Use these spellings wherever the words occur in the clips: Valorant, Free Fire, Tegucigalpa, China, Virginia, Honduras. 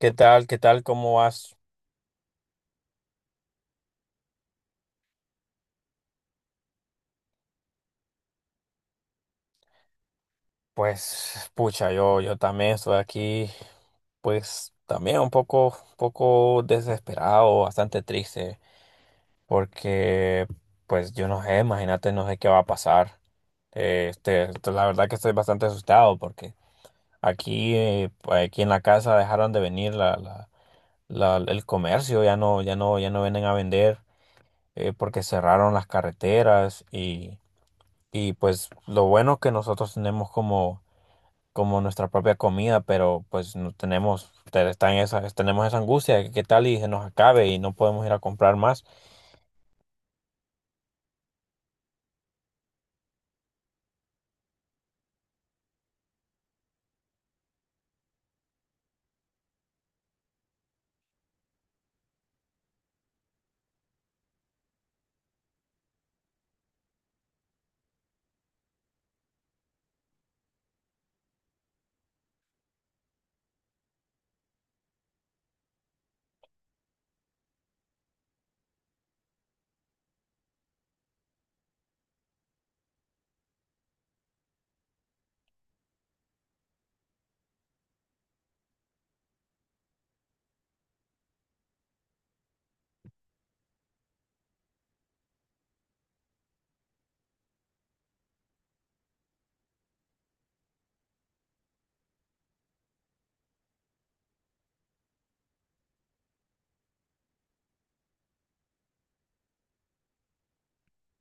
¿Qué tal? ¿Qué tal? ¿Cómo vas? Pues, pucha, yo también estoy aquí, pues, también un poco, poco desesperado, bastante triste, porque, pues, yo no sé, imagínate, no sé qué va a pasar. La verdad que estoy bastante asustado porque aquí, pues, aquí en la casa dejaron de venir el comercio, ya no, ya no vienen a vender, porque cerraron las carreteras y, pues, lo bueno que nosotros tenemos como nuestra propia comida, pero pues no tenemos, está en esa, tenemos esa angustia de que qué tal y se nos acabe y no podemos ir a comprar más.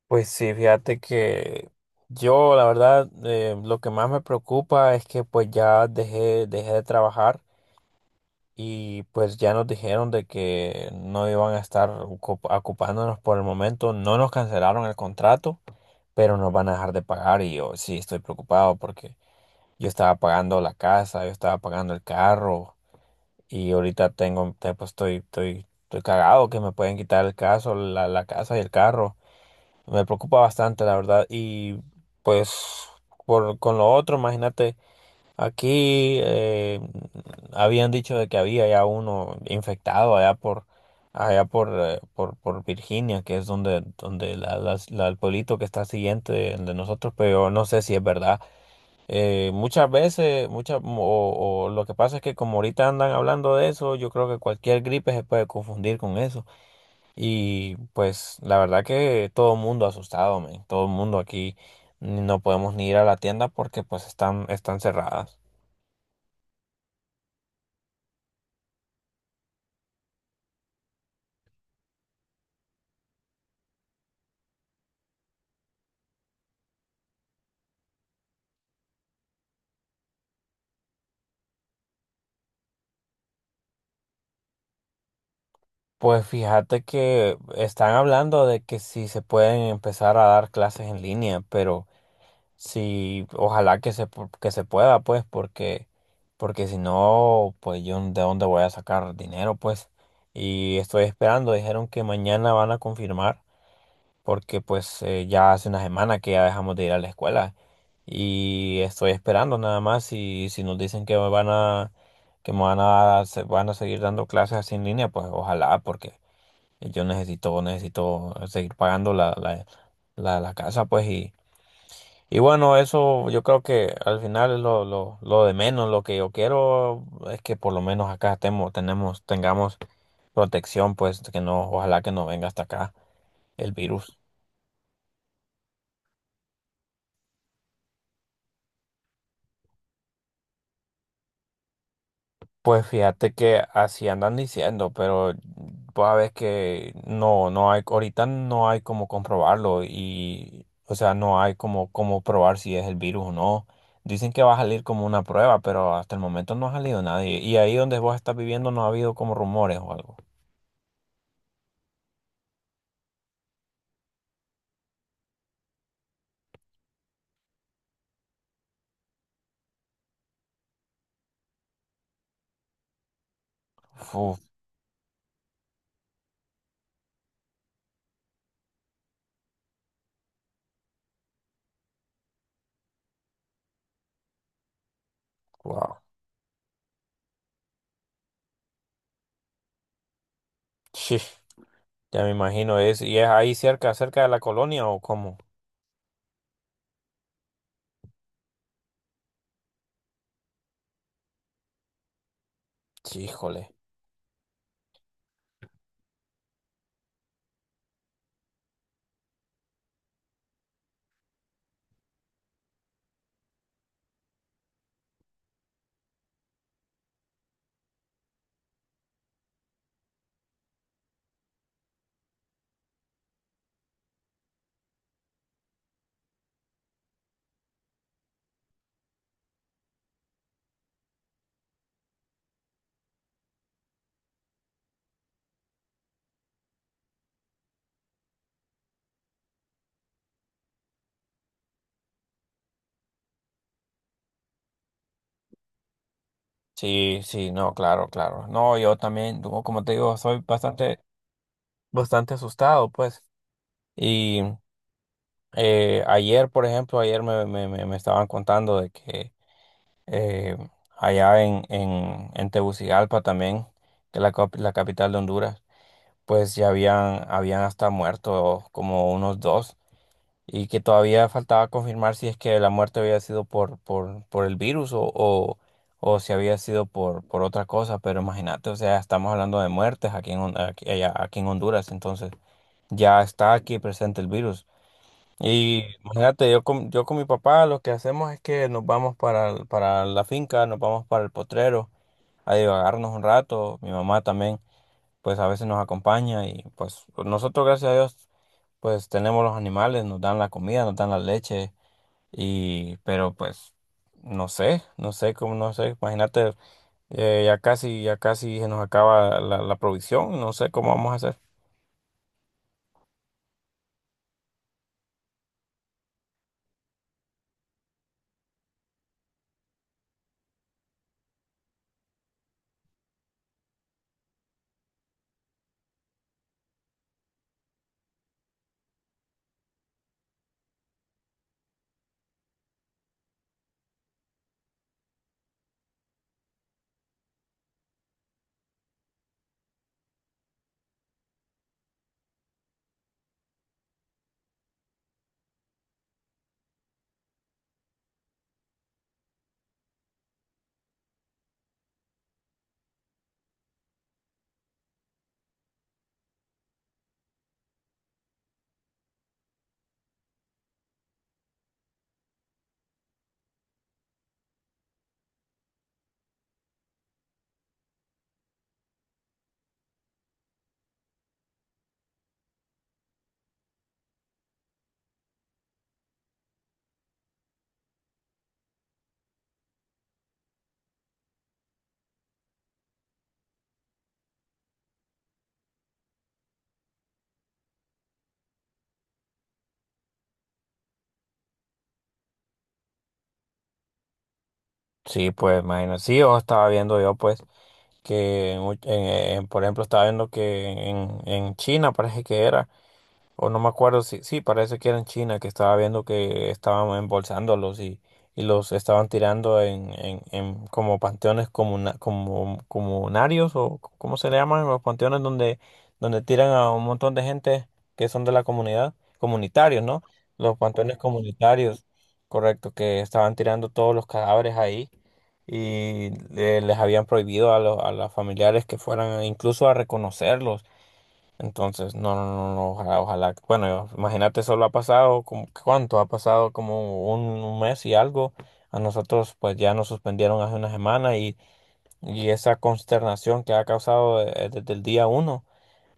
Pues sí, fíjate que yo la verdad lo que más me preocupa es que pues ya dejé de trabajar y pues ya nos dijeron de que no iban a estar ocupándonos por el momento, no nos cancelaron el contrato, pero nos van a dejar de pagar y yo sí estoy preocupado porque yo estaba pagando la casa, yo estaba pagando el carro. Y ahorita tengo, pues estoy, estoy cagado que me pueden quitar el caso, la casa y el carro. Me preocupa bastante, la verdad. Y pues por, con lo otro, imagínate, aquí habían dicho de que había ya uno infectado allá por, por Virginia, que es donde, donde el pueblito que está siguiente de nosotros, pero yo no sé si es verdad. Muchas veces, muchas, o lo que pasa es que como ahorita andan hablando de eso, yo creo que cualquier gripe se puede confundir con eso. Y pues la verdad que todo el mundo asustado, men. Todo el mundo aquí no podemos ni ir a la tienda porque pues están, están cerradas. Pues fíjate que están hablando de que si se pueden empezar a dar clases en línea, pero... Sí, ojalá que se, que se pueda, pues, porque, porque si no, pues yo de dónde voy a sacar dinero, pues. Y estoy esperando, dijeron que mañana van a confirmar, porque pues ya hace una semana que ya dejamos de ir a la escuela. Y estoy esperando nada más y si nos dicen que me van a, van a seguir dando clases así en línea, pues ojalá, porque yo necesito, necesito seguir pagando la casa, pues, y bueno, eso yo creo que al final es lo, lo de menos. Lo que yo quiero es que por lo menos acá estemos, tenemos, tengamos protección, pues que no, ojalá que no venga hasta acá el virus. Pues fíjate que así andan diciendo, pero pues a ver que no, no hay, ahorita no hay como comprobarlo y, o sea, no hay como, como probar si es el virus o no. Dicen que va a salir como una prueba, pero hasta el momento no ha salido nadie. Y ahí donde vos estás viviendo no ha habido como rumores o algo. Uf, wow. Sí, ya me imagino. Es, ¿y es ahí cerca, cerca de la colonia o cómo? Sí, híjole. Sí, sí, no, claro, claro. No, yo también, como te digo, soy bastante, bastante asustado, pues. Y ayer, por ejemplo, ayer me estaban contando de que eh, en Tegucigalpa también, que es la, la capital de Honduras, pues ya habían, habían hasta muerto como unos dos. Y que todavía faltaba confirmar si es que la muerte había sido por, por el virus o si había sido por otra cosa, pero imagínate, o sea, estamos hablando de muertes aquí en, aquí en Honduras, entonces ya está aquí presente el virus. Y imagínate, yo con mi papá lo que hacemos es que nos vamos para, para la finca, nos vamos para el potrero a divagarnos un rato, mi mamá también, pues a veces nos acompaña y pues nosotros, gracias a Dios, pues tenemos los animales, nos dan la comida, nos dan la leche y pero pues no sé, no sé cómo, no sé, imagínate, ya casi se nos acaba la, la provisión, no sé cómo vamos a hacer. Sí, pues imagínate, sí, yo estaba viendo yo pues que en, por ejemplo estaba viendo que en China parece que era. O no me acuerdo si, sí, parece que era en China que estaba viendo que estaban embolsándolos y los estaban tirando en, en como panteones comuna, como, comunarios o cómo se le llaman los panteones donde, donde tiran a un montón de gente que son de la comunidad, comunitarios, ¿no? Los panteones comunitarios, correcto, que estaban tirando todos los cadáveres ahí y les habían prohibido a los familiares que fueran incluso a reconocerlos. Entonces, no, no, no, no, ojalá, ojalá. Bueno, imagínate, solo ha pasado, como, ¿cuánto? Ha pasado como un mes y algo. A nosotros, pues ya nos suspendieron hace una semana y esa consternación que ha causado desde el día uno,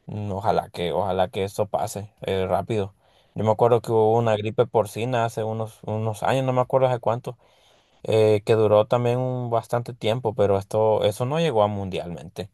mm, ojalá que eso pase rápido. Yo me acuerdo que hubo una gripe porcina hace unos, unos años, no me acuerdo hace cuánto, que duró también un bastante tiempo, pero esto, eso no llegó a mundialmente.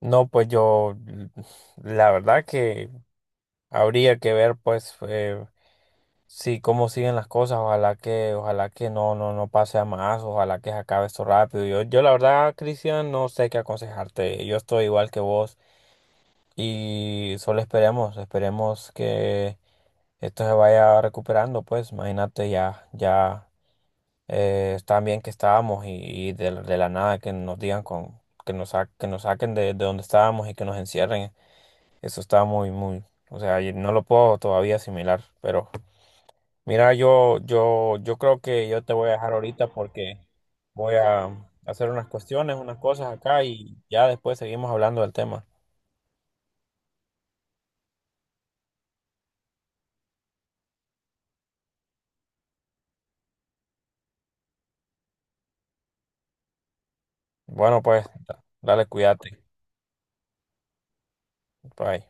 No, pues yo, la verdad que habría que ver, pues, si cómo siguen las cosas. Ojalá que no, no, no pase a más. Ojalá que se acabe esto rápido. Yo la verdad, Cristian, no sé qué aconsejarte. Yo estoy igual que vos y solo esperemos, esperemos que esto se vaya recuperando. Pues, imagínate ya, ya tan bien que estábamos y de la nada que nos digan con, que nos, que nos saquen de donde estábamos y que nos encierren. Eso está muy, muy, o sea, y no lo puedo todavía asimilar, pero mira, yo creo que yo te voy a dejar ahorita porque voy a hacer unas cuestiones, unas cosas acá y ya después seguimos hablando del tema. Bueno, pues, dale, cuídate. Bye.